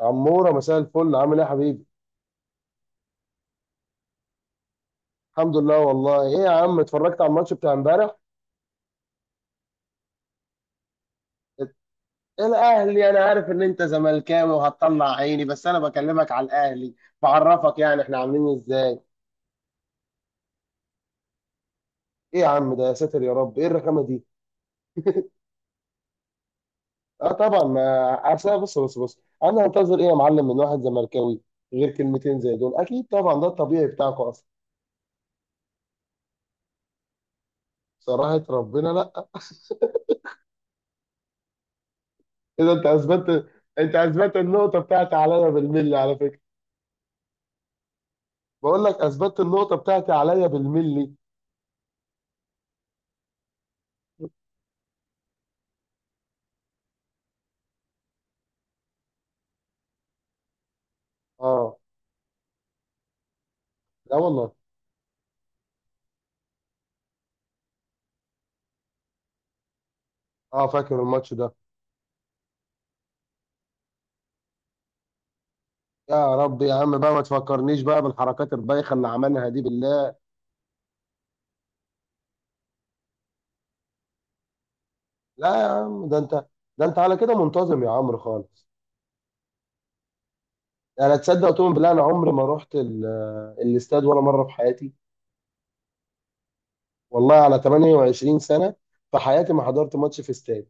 عمورة، مساء الفل، عامل ايه يا حبيبي؟ الحمد لله والله. ايه يا عم، اتفرجت على الماتش بتاع امبارح؟ الاهلي، انا عارف ان انت زملكاوي وهتطلع عيني، بس انا بكلمك على الاهلي. بعرفك يعني احنا عاملين ازاي؟ ايه يا عم ده، يا ساتر يا رب، ايه الرخامة دي؟ اه طبعا، ما اصل بص انا هنتظر ايه يا معلم من واحد زملكاوي غير كلمتين زي دول؟ اكيد طبعا، ده الطبيعي بتاعكم اصلا. صراحة ربنا لا. كده انت اثبتت، انت اثبتت النقطة بتاعتي عليا بالملي على فكرة. بقول لك اثبتت النقطة بتاعتي عليا بالملي. اه. لا والله. اه فاكر الماتش ده. يا رب يا عم بقى، ما تفكرنيش بقى بالحركات البايخه اللي عملها دي، بالله. لا يا عم، ده انت على كده منتظم يا عمرو خالص. انا تصدق تقول بالله، انا عمري ما رحت الاستاد ولا مره في حياتي. والله على 28 سنه في حياتي ما حضرت ماتش في استاد.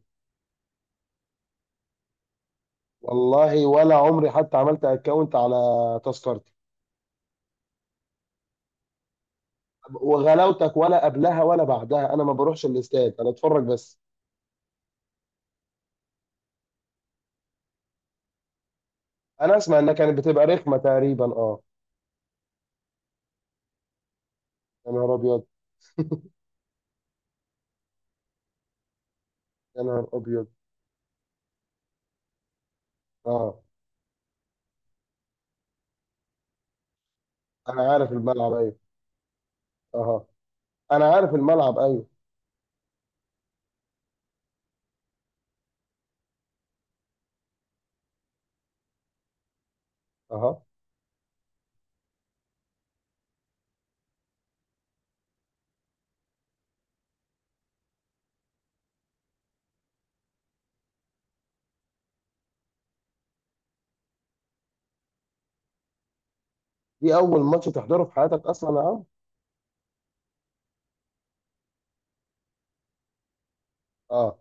والله ولا عمري حتى عملت اكونت على تذكرتي، وغلاوتك ولا قبلها ولا بعدها، انا ما بروحش الاستاد، انا اتفرج بس. انا اسمع انها كانت بتبقى رخمه تقريبا، اه. يا نهار ابيض، يا نهار ابيض. اه انا عارف الملعب، ايوه. اه انا عارف الملعب، ايوه. اه. دي اول ماتش تحضره في حياتك اصلا يا عم؟ اه.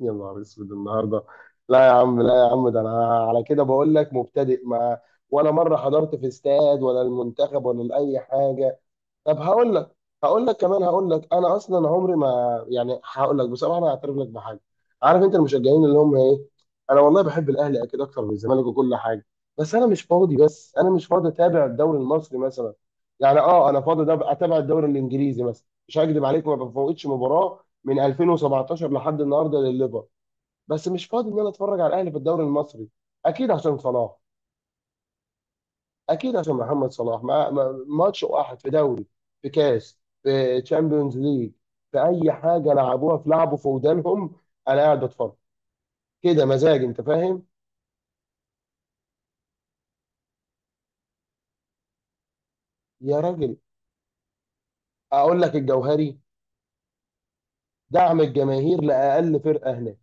يا نهار اسود النهارده، لا يا عم لا يا عم، ده انا على كده بقول لك مبتدئ، ما ولا مره حضرت في استاد ولا المنتخب ولا لاي حاجه. طب هقول لك انا اصلا عمري ما، يعني هقول لك بصراحه، انا هعترف لك بحاجه. عارف انت المشجعين اللي هم ايه؟ انا والله بحب الاهلي اكيد اكتر من الزمالك وكل حاجه، بس انا مش فاضي اتابع الدوري المصري مثلا. يعني اه انا فاضي ده اتابع الدوري الانجليزي مثلا، مش هكدب عليك ما بفوتش مباراه من 2017 لحد النهارده للليفر، بس مش فاضي ان انا اتفرج على الاهلي في الدوري المصري. اكيد عشان صلاح. اكيد عشان محمد صلاح، ماتش واحد في دوري، في كاس، في تشامبيونز ليج، في اي حاجه لعبوها، في لعبه في ودانهم انا قاعد بتفرج، كده مزاج، انت فاهم. يا راجل، اقول لك الجوهري. دعم الجماهير لاقل فرقه هناك.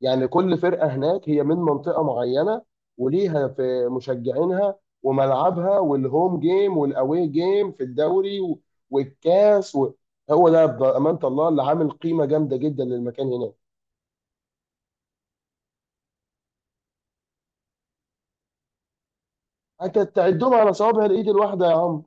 يعني كل فرقه هناك هي من منطقه معينه، وليها في مشجعينها وملعبها والهوم جيم والاوي جيم في الدوري والكاس هو ده بامانه الله اللي عامل قيمه جامده جدا للمكان هناك. انت تعدهم على صوابع الايد الواحده يا عم.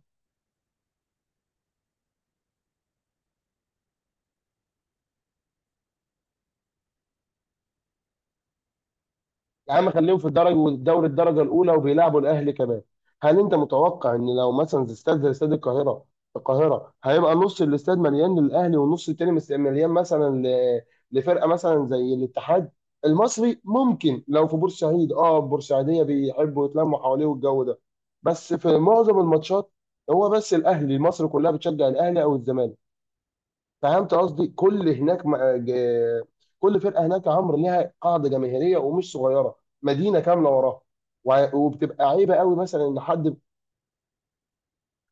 يا عم خليهم في الدرجه، والدوري الدرجه الاولى وبيلعبوا الاهلي كمان. هل انت متوقع ان لو مثلا زي استاد، زي استاد القاهره، القاهره هيبقى نص الاستاد مليان للاهلي، والنص التاني مليان مثلا لفرقه مثلا زي الاتحاد؟ المصري ممكن لو في بورسعيد، اه البورسعيديه بيحبوا يتلموا حواليه والجو ده، بس في معظم الماتشات هو بس الاهلي، مصر كلها بتشجع الاهلي او الزمالك. فهمت قصدي؟ كل هناك كل فرقه هناك يا عمرو ليها قاعده جماهيريه ومش صغيره، مدينه كامله وراها، وبتبقى عيبه قوي مثلا ان حد.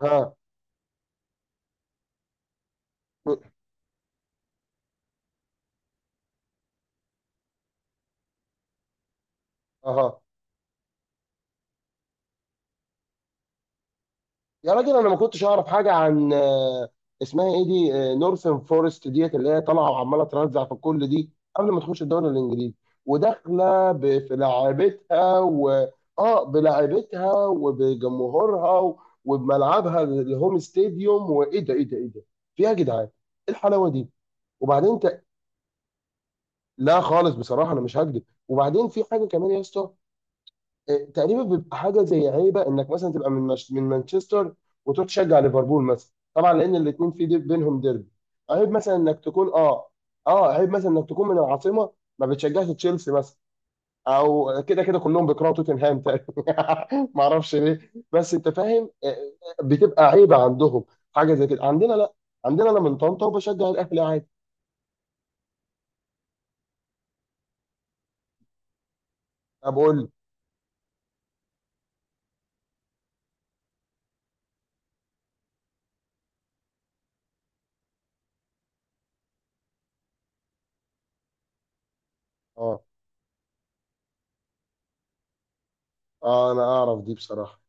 ها. اها. يا راجل انا ما كنتش اعرف حاجه عن اسمها ايه دي، نورثن فورست ديت اللي هي طالعه وعماله ترزع في الكل دي، قبل ما تخش الدوري الانجليزي وداخله في لعبتها و اه بلعبتها وبجمهورها وبملعبها الهوم ستاديوم. وايه ده ايه ده ايه ده، في ايه يا جدعان، ايه الحلاوه دي؟ وبعدين انت، لا خالص بصراحه انا مش هكذب. وبعدين في حاجه كمان يا اسطى، تقريبا بيبقى حاجه زي عيبه انك مثلا تبقى من مش... من مانشستر وتروح تشجع ليفربول مثلا، طبعا لان الاثنين في ديب بينهم ديربي. عيب مثلا انك تكون اه، اه عيب مثلا انك تكون من العاصمه ما بتشجعش تشيلسي مثلا، او كده كده كلهم بيكرهوا توتنهام تقريبا ما اعرفش ليه، بس انت فاهم، بتبقى عيبه عندهم. حاجه زي كده عندنا لا، عندنا انا من طنطا وبشجع الاهلي عادي. بقول. اه. اه انا اعرف دي بصراحه.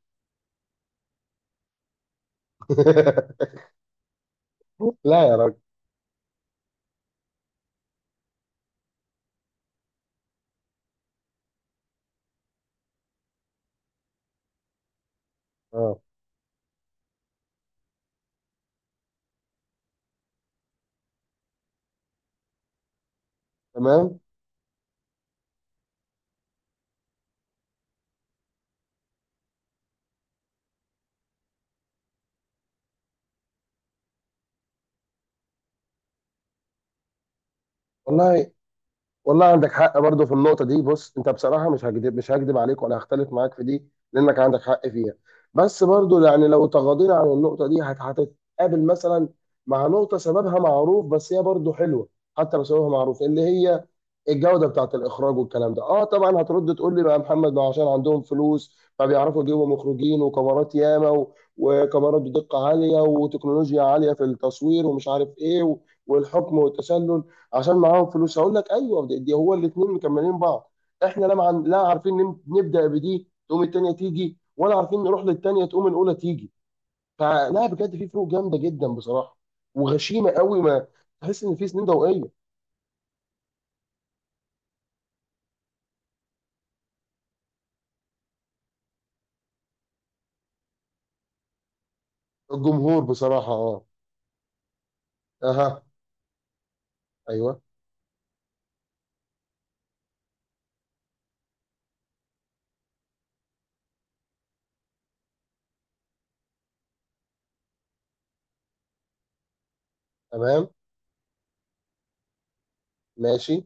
لا يا راجل. اه. تمام. والله والله عندك حق برضه في النقطة دي. بص انت بصراحة مش هكدب، مش هكدب عليك ولا هختلف معاك في دي لانك عندك حق فيها. بس برضه يعني لو تغاضينا عن النقطة دي هتتقابل مثلا مع نقطة سببها معروف، بس هي برضه حلوة حتى لو سببها معروف، اللي هي الجودة بتاعت الإخراج والكلام ده. اه طبعا هترد تقول لي بقى يا محمد، ما عشان عندهم فلوس فبيعرفوا يجيبوا مخرجين وكاميرات ياما، وكاميرات بدقة عالية وتكنولوجيا عالية في التصوير ومش عارف ايه والحكم والتسلل. عشان معاهم فلوس، هقول لك ايوه، دي هو الاثنين مكملين بعض. احنا لا لا عارفين نبدا بدي تقوم الثانيه تيجي، ولا عارفين نروح للثانيه تقوم الاولى تيجي. فلا بجد في فروق جامده جدا بصراحه وغشيمه قوي، ما تحس ان في سنين ضوئيه. الجمهور بصراحه، اه. اها. ايوه. تمام. ماشي.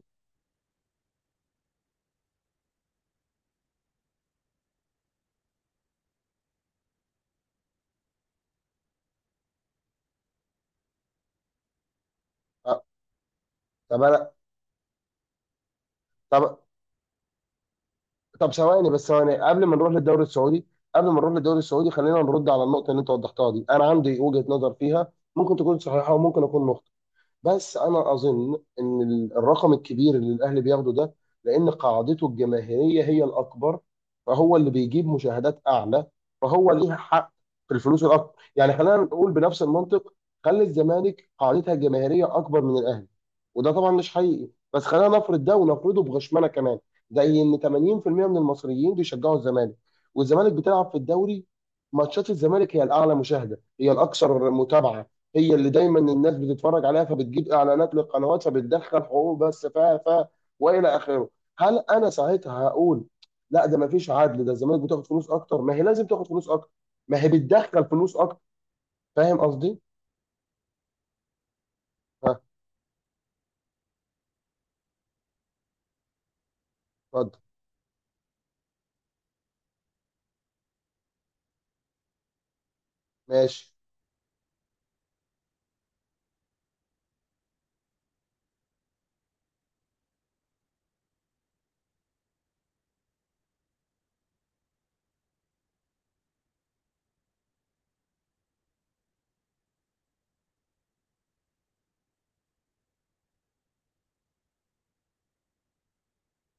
أه. طب انا. طب. طب ثواني بس، ثواني قبل ما نروح للدوري السعودي، قبل ما نروح للدوري السعودي خلينا نرد على النقطه اللي انت وضحتها دي. انا عندي وجهه نظر فيها، ممكن تكون صحيحه وممكن اكون مخطئ، بس انا اظن ان الرقم الكبير اللي الاهلي بياخده ده، لان قاعدته الجماهيريه هي الاكبر، فهو اللي بيجيب مشاهدات اعلى، فهو ليه حق في الفلوس الاكبر. يعني خلينا نقول بنفس المنطق، خلي الزمالك قاعدتها الجماهيريه اكبر من الاهلي، وده طبعا مش حقيقي بس خلينا نفرض ده، ونفرضه بغشمنه كمان، زي ان 80% من المصريين بيشجعوا الزمالك، والزمالك بتلعب في الدوري، ماتشات الزمالك هي الاعلى مشاهده، هي الاكثر متابعه، هي اللي دايما الناس بتتفرج عليها، فبتجيب اعلانات للقنوات، فبتدخل حقوق بس ف والى اخره. هل انا ساعتها هقول لا ده ما فيش عدل، ده الزمالك بتاخد فلوس اكتر ما هي لازم تاخد فلوس اكتر، ما هي بتدخل فلوس اكتر. فاهم قصدي؟ ها. اتفضل. ماشي.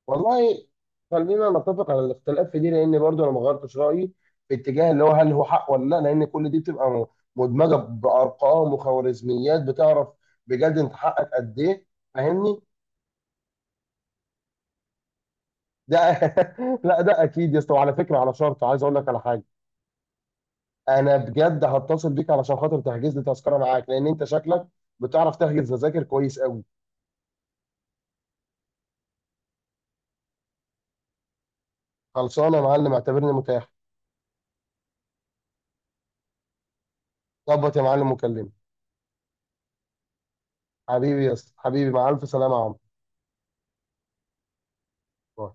والله خلينا نتفق على الاختلاف في دي، لان برضو انا ما غيرتش رايي في اتجاه اللي هو هل هو حق ولا لا، لان كل دي بتبقى مدمجه بارقام وخوارزميات، بتعرف بجد انت حقك قد ايه. فاهمني. ده لا ده اكيد يا اسطى، وعلى فكره على شرط عايز اقول لك على حاجه، انا بجد هتصل بيك علشان خاطر تحجز لي تذكره معاك، لان انت شكلك بتعرف تحجز تذاكر كويس قوي. خلصانه يا معلم، اعتبرني متاح. ظبط يا معلم وكلمني. حبيبي يا اسطى حبيبي، مع الف سلامه يا عمرو. باي.